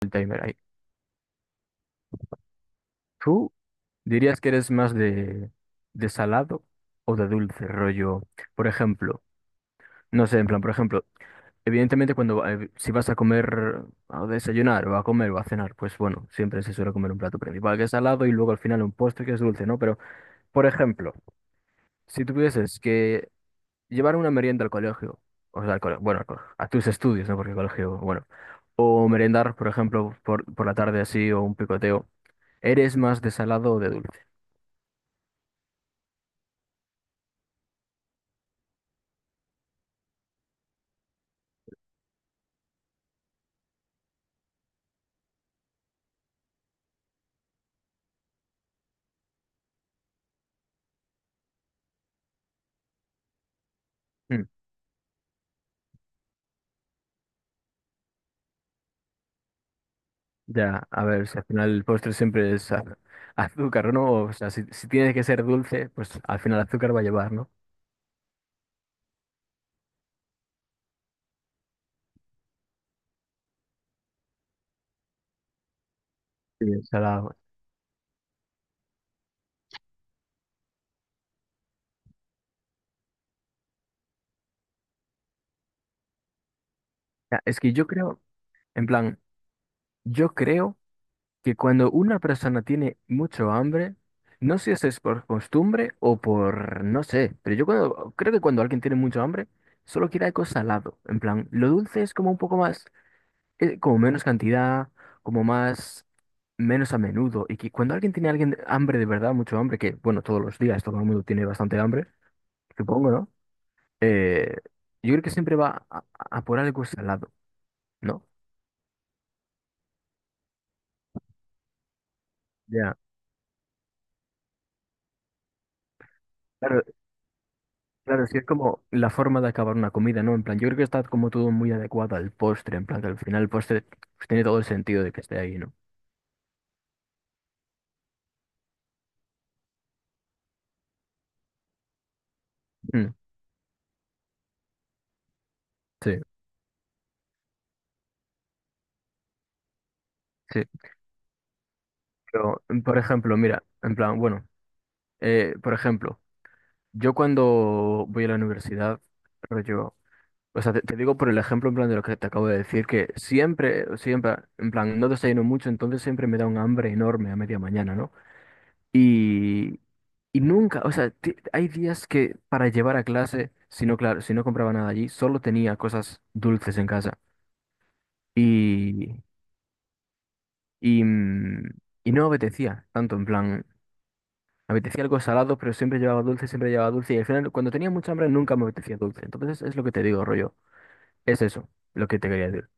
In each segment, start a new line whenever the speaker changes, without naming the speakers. El timer ahí. ¿Tú dirías que eres más de salado o de dulce, rollo? Por ejemplo, no sé, en plan, por ejemplo, evidentemente si vas a comer, a desayunar o a comer o a cenar, pues bueno, siempre se suele comer un plato principal que es salado y luego al final un postre que es dulce, ¿no? Pero, por ejemplo, si tuvieses que llevar una merienda al colegio, o sea, al colegio, bueno, al colegio, a tus estudios, ¿no? Porque el colegio, bueno, o merendar, por ejemplo, por la tarde así o un picoteo, ¿eres más de salado o de dulce? Hmm. Ya, a ver, si al final el postre siempre es azúcar, ¿no? O sea, si tiene que ser dulce, pues al final azúcar va a llevar, ¿no? Sí. Salado. Ya, es que yo creo, en plan, yo creo que cuando una persona tiene mucho hambre, no sé si es por costumbre o por, no sé, pero creo que cuando alguien tiene mucho hambre, solo quiere algo salado. En plan, lo dulce es como un poco más... como menos cantidad, como más, menos a menudo. Y que cuando alguien tiene alguien hambre de verdad, mucho hambre, que bueno, todos los días todo el mundo tiene bastante hambre, supongo, ¿no? Eh, yo creo que siempre a por algo salado, ¿no? Ya. Claro, claro, sí es como la forma de acabar una comida, ¿no? En plan, yo creo que está como todo muy adecuado al postre, en plan, que al final el postre pues, tiene todo el sentido de que esté ahí, ¿no? Mm, sí, sí. Pero, por ejemplo, mira, en plan, bueno, por ejemplo. Yo cuando voy a la universidad, rollo, o sea, te digo por el ejemplo en plan de lo que te acabo de decir, que siempre, siempre, en plan, no desayuno mucho, entonces siempre me da un hambre enorme a media mañana, ¿no? Y, y nunca, o sea, hay días que para llevar a clase, si no, claro, si no compraba nada allí, solo tenía cosas dulces en casa. Y, y, mm, y no apetecía tanto, en plan, me apetecía algo salado, pero siempre llevaba dulce, y al final, cuando tenía mucha hambre, nunca me apetecía dulce. Entonces, es lo que te digo, rollo. Es eso lo que te quería decir.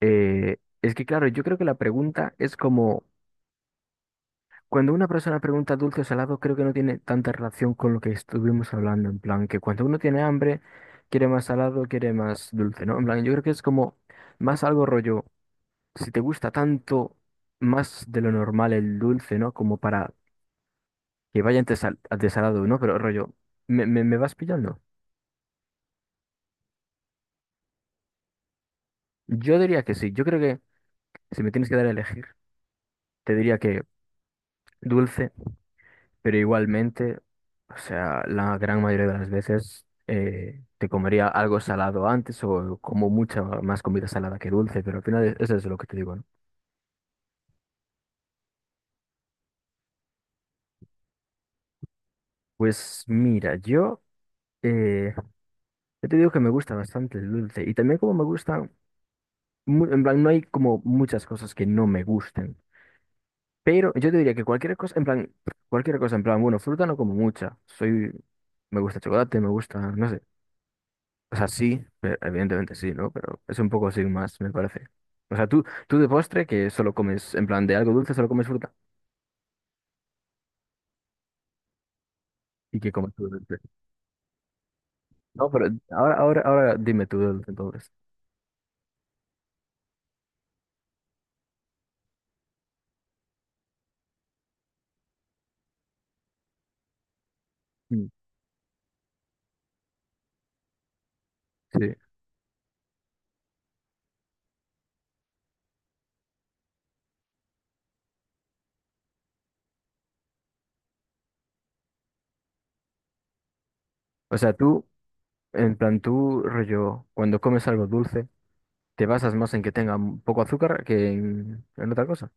Es que, claro, yo creo que la pregunta es como, cuando una persona pregunta dulce o salado, creo que no tiene tanta relación con lo que estuvimos hablando, en plan, que cuando uno tiene hambre, quiere más salado, quiere más dulce, ¿no? En plan, yo creo que es como más algo rollo, si te gusta tanto más de lo normal el dulce, ¿no? Como para que vaya de salado, ¿no? Pero rollo, ¿me vas pillando? Yo diría que sí, yo creo que si me tienes que dar a elegir, te diría que dulce. Pero igualmente, o sea, la gran mayoría de las veces te comería algo salado antes o como mucha más comida salada que dulce, pero al final eso es lo que te digo, ¿no? Pues mira, yo, eh, yo te digo que me gusta bastante el dulce y también como me gustan, en plan, no hay como muchas cosas que no me gusten, pero yo te diría que cualquier cosa, en plan, cualquier cosa, en plan, bueno, fruta no como mucha, soy, me gusta chocolate, me gusta, no sé. O sea, sí, pero- evidentemente sí, ¿no? Pero es un poco sin más, me parece. O sea, tú de postre que solo comes, en plan de algo dulce, solo comes fruta. ¿Y qué comes tú de dulce? No, pero ahora, ahora, ahora dime tú de dulce entonces. Mm. Sí. O sea, tú, en plan, tú, rollo, cuando comes algo dulce, te basas más en que tenga un poco azúcar que en otra cosa.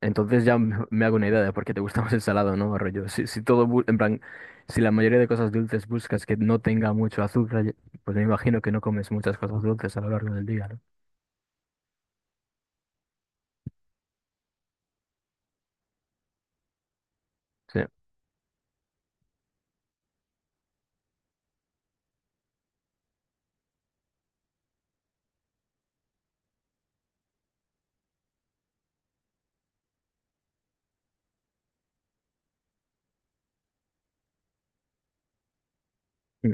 Entonces ya me hago una idea de por qué te gusta más el salado, ¿no? Rollo, si, si todo, en plan, si la mayoría de cosas dulces buscas que no tenga mucho azúcar, pues me imagino que no comes muchas cosas dulces a lo largo del día, ¿no? Sí. Mm.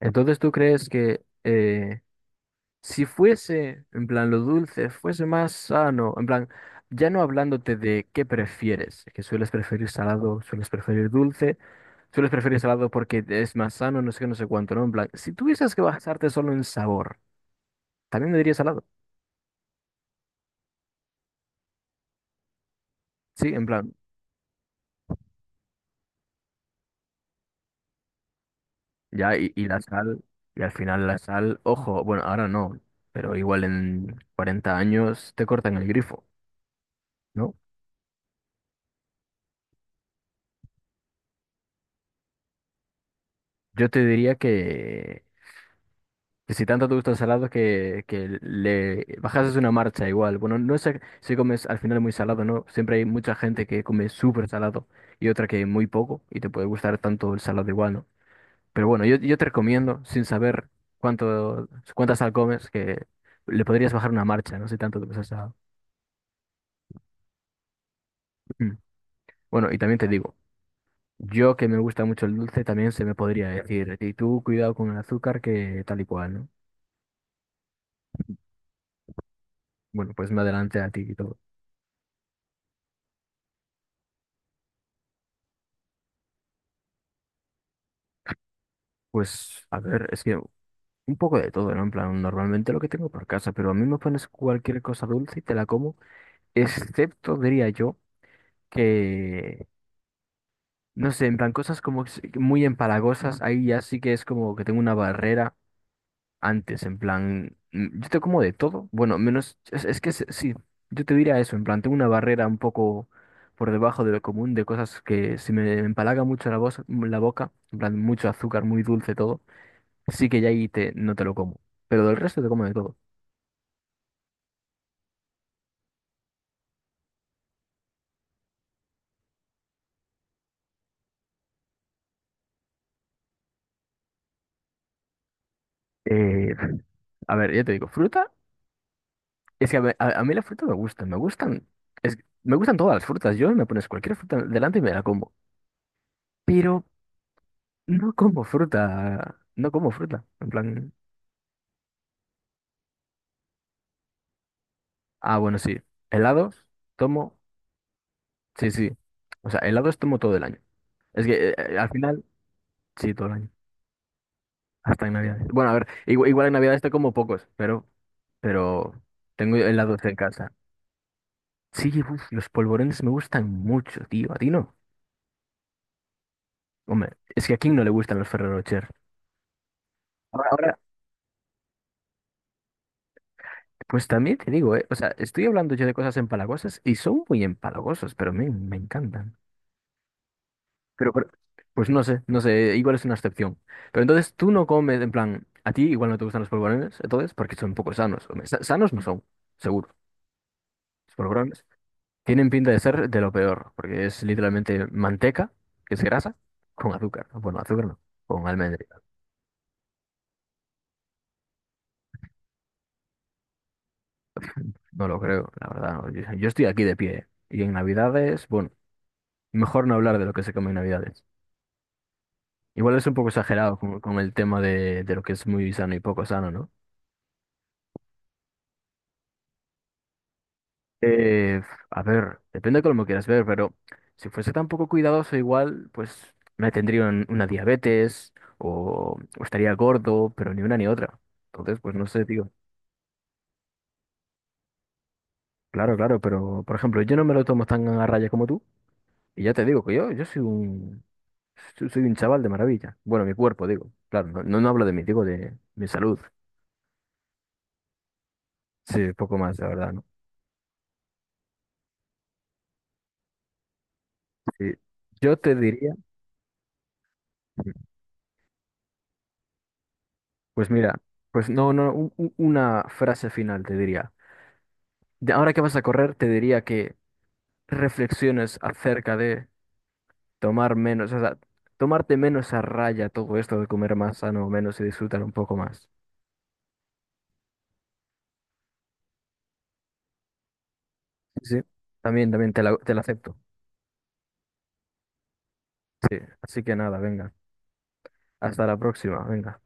Entonces, ¿tú crees que si fuese, en plan, lo dulce fuese más sano, en plan, ya no hablándote de qué prefieres, que sueles preferir salado, sueles preferir dulce, sueles preferir salado porque es más sano, no sé qué, no sé cuánto, ¿no? En plan, si tuvieses que basarte solo en sabor, ¿también me dirías salado? Sí, en plan, ya, y la sal, y al final la sal, ojo, bueno, ahora no, pero igual en 40 años te cortan el grifo, ¿no? Yo te diría que si tanto te gusta el salado, que le bajases una marcha igual. Bueno, no sé si comes al final muy salado, ¿no? Siempre hay mucha gente que come súper salado y otra que muy poco, y te puede gustar tanto el salado igual, ¿no? Pero bueno, yo te recomiendo, sin saber cuánto, cuánta sal comes, que le podrías bajar una marcha, no sé tanto te gusta el salado. Mm. Bueno, y también te digo, yo que me gusta mucho el dulce, también se me podría decir, y tú cuidado con el azúcar que tal y cual, ¿no? Bueno, pues me adelante a ti y todo. Pues, a ver, es que un poco de todo, ¿no? En plan, normalmente lo que tengo por casa, pero a mí me pones cualquier cosa dulce y te la como, excepto, diría yo, que, no sé, en plan, cosas como muy empalagosas, ahí ya sí que es como que tengo una barrera antes, en plan, yo te como de todo, bueno, menos, sí, yo te diría eso, en plan, tengo una barrera un poco por debajo de lo común de cosas que si me empalaga mucho la, voz, la boca, en plan, mucho azúcar, muy dulce todo, sí que ya ahí te, no te lo como, pero del resto te como de todo. Eh, a ver, ya te digo, fruta, es que a mí la fruta me gusta, me gustan, es, me gustan todas las frutas, yo me pones cualquier fruta delante y me la como, pero no como fruta, no como fruta, en plan... Ah, bueno, sí. Helados, tomo, sí, sí. O sea, helados tomo todo el año. Es que al final, sí, todo el año. Hasta en Navidad. Bueno, a ver, igual, igual en Navidad te como pocos, pero tengo helados en casa. Sí, uf, los polvorones me gustan mucho, tío. ¿A ti no? Hombre, es que a quién no le gustan los Ferrero Rocher. Ahora, ahora, pues también te digo, o sea, estoy hablando yo de cosas empalagosas y son muy empalagosos, pero me encantan. Pero, pues no sé, no sé, igual es una excepción. Pero entonces tú no comes, en plan, a ti igual no te gustan los polvorones, entonces, porque son poco sanos. Hombre, sanos no son, seguro. Los polvorones tienen pinta de ser de lo peor, porque es literalmente manteca, que es grasa, con azúcar. Bueno, azúcar no, con almendra. No lo creo, la verdad. No. Yo estoy aquí de pie. ¿Eh? Y en Navidades, bueno, mejor no hablar de lo que se come en Navidades. Igual es un poco exagerado con el tema de lo que es muy sano y poco sano, ¿no? Eh, a ver, depende de cómo lo quieras ver, pero si fuese tan poco cuidadoso igual, pues me tendría una diabetes o estaría gordo, pero ni una ni otra. Entonces, pues no sé, tío. Claro, claro, pero por ejemplo, yo no me lo tomo tan a raya como tú. Y ya te digo que yo soy un, soy un chaval de maravilla. Bueno, mi cuerpo, digo. Claro, no, no, no hablo de mí, digo de mi salud. Sí, poco más, la verdad, ¿no? Sí. Yo te diría, pues mira, pues no, no, una frase final te diría. De ahora que vas a correr, te diría que reflexiones acerca de tomar menos, o sea, tomarte menos a raya todo esto de comer más sano, menos y disfrutar un poco más. Sí, sí. También, también te la acepto. Sí, así que nada, venga. Hasta la próxima, venga.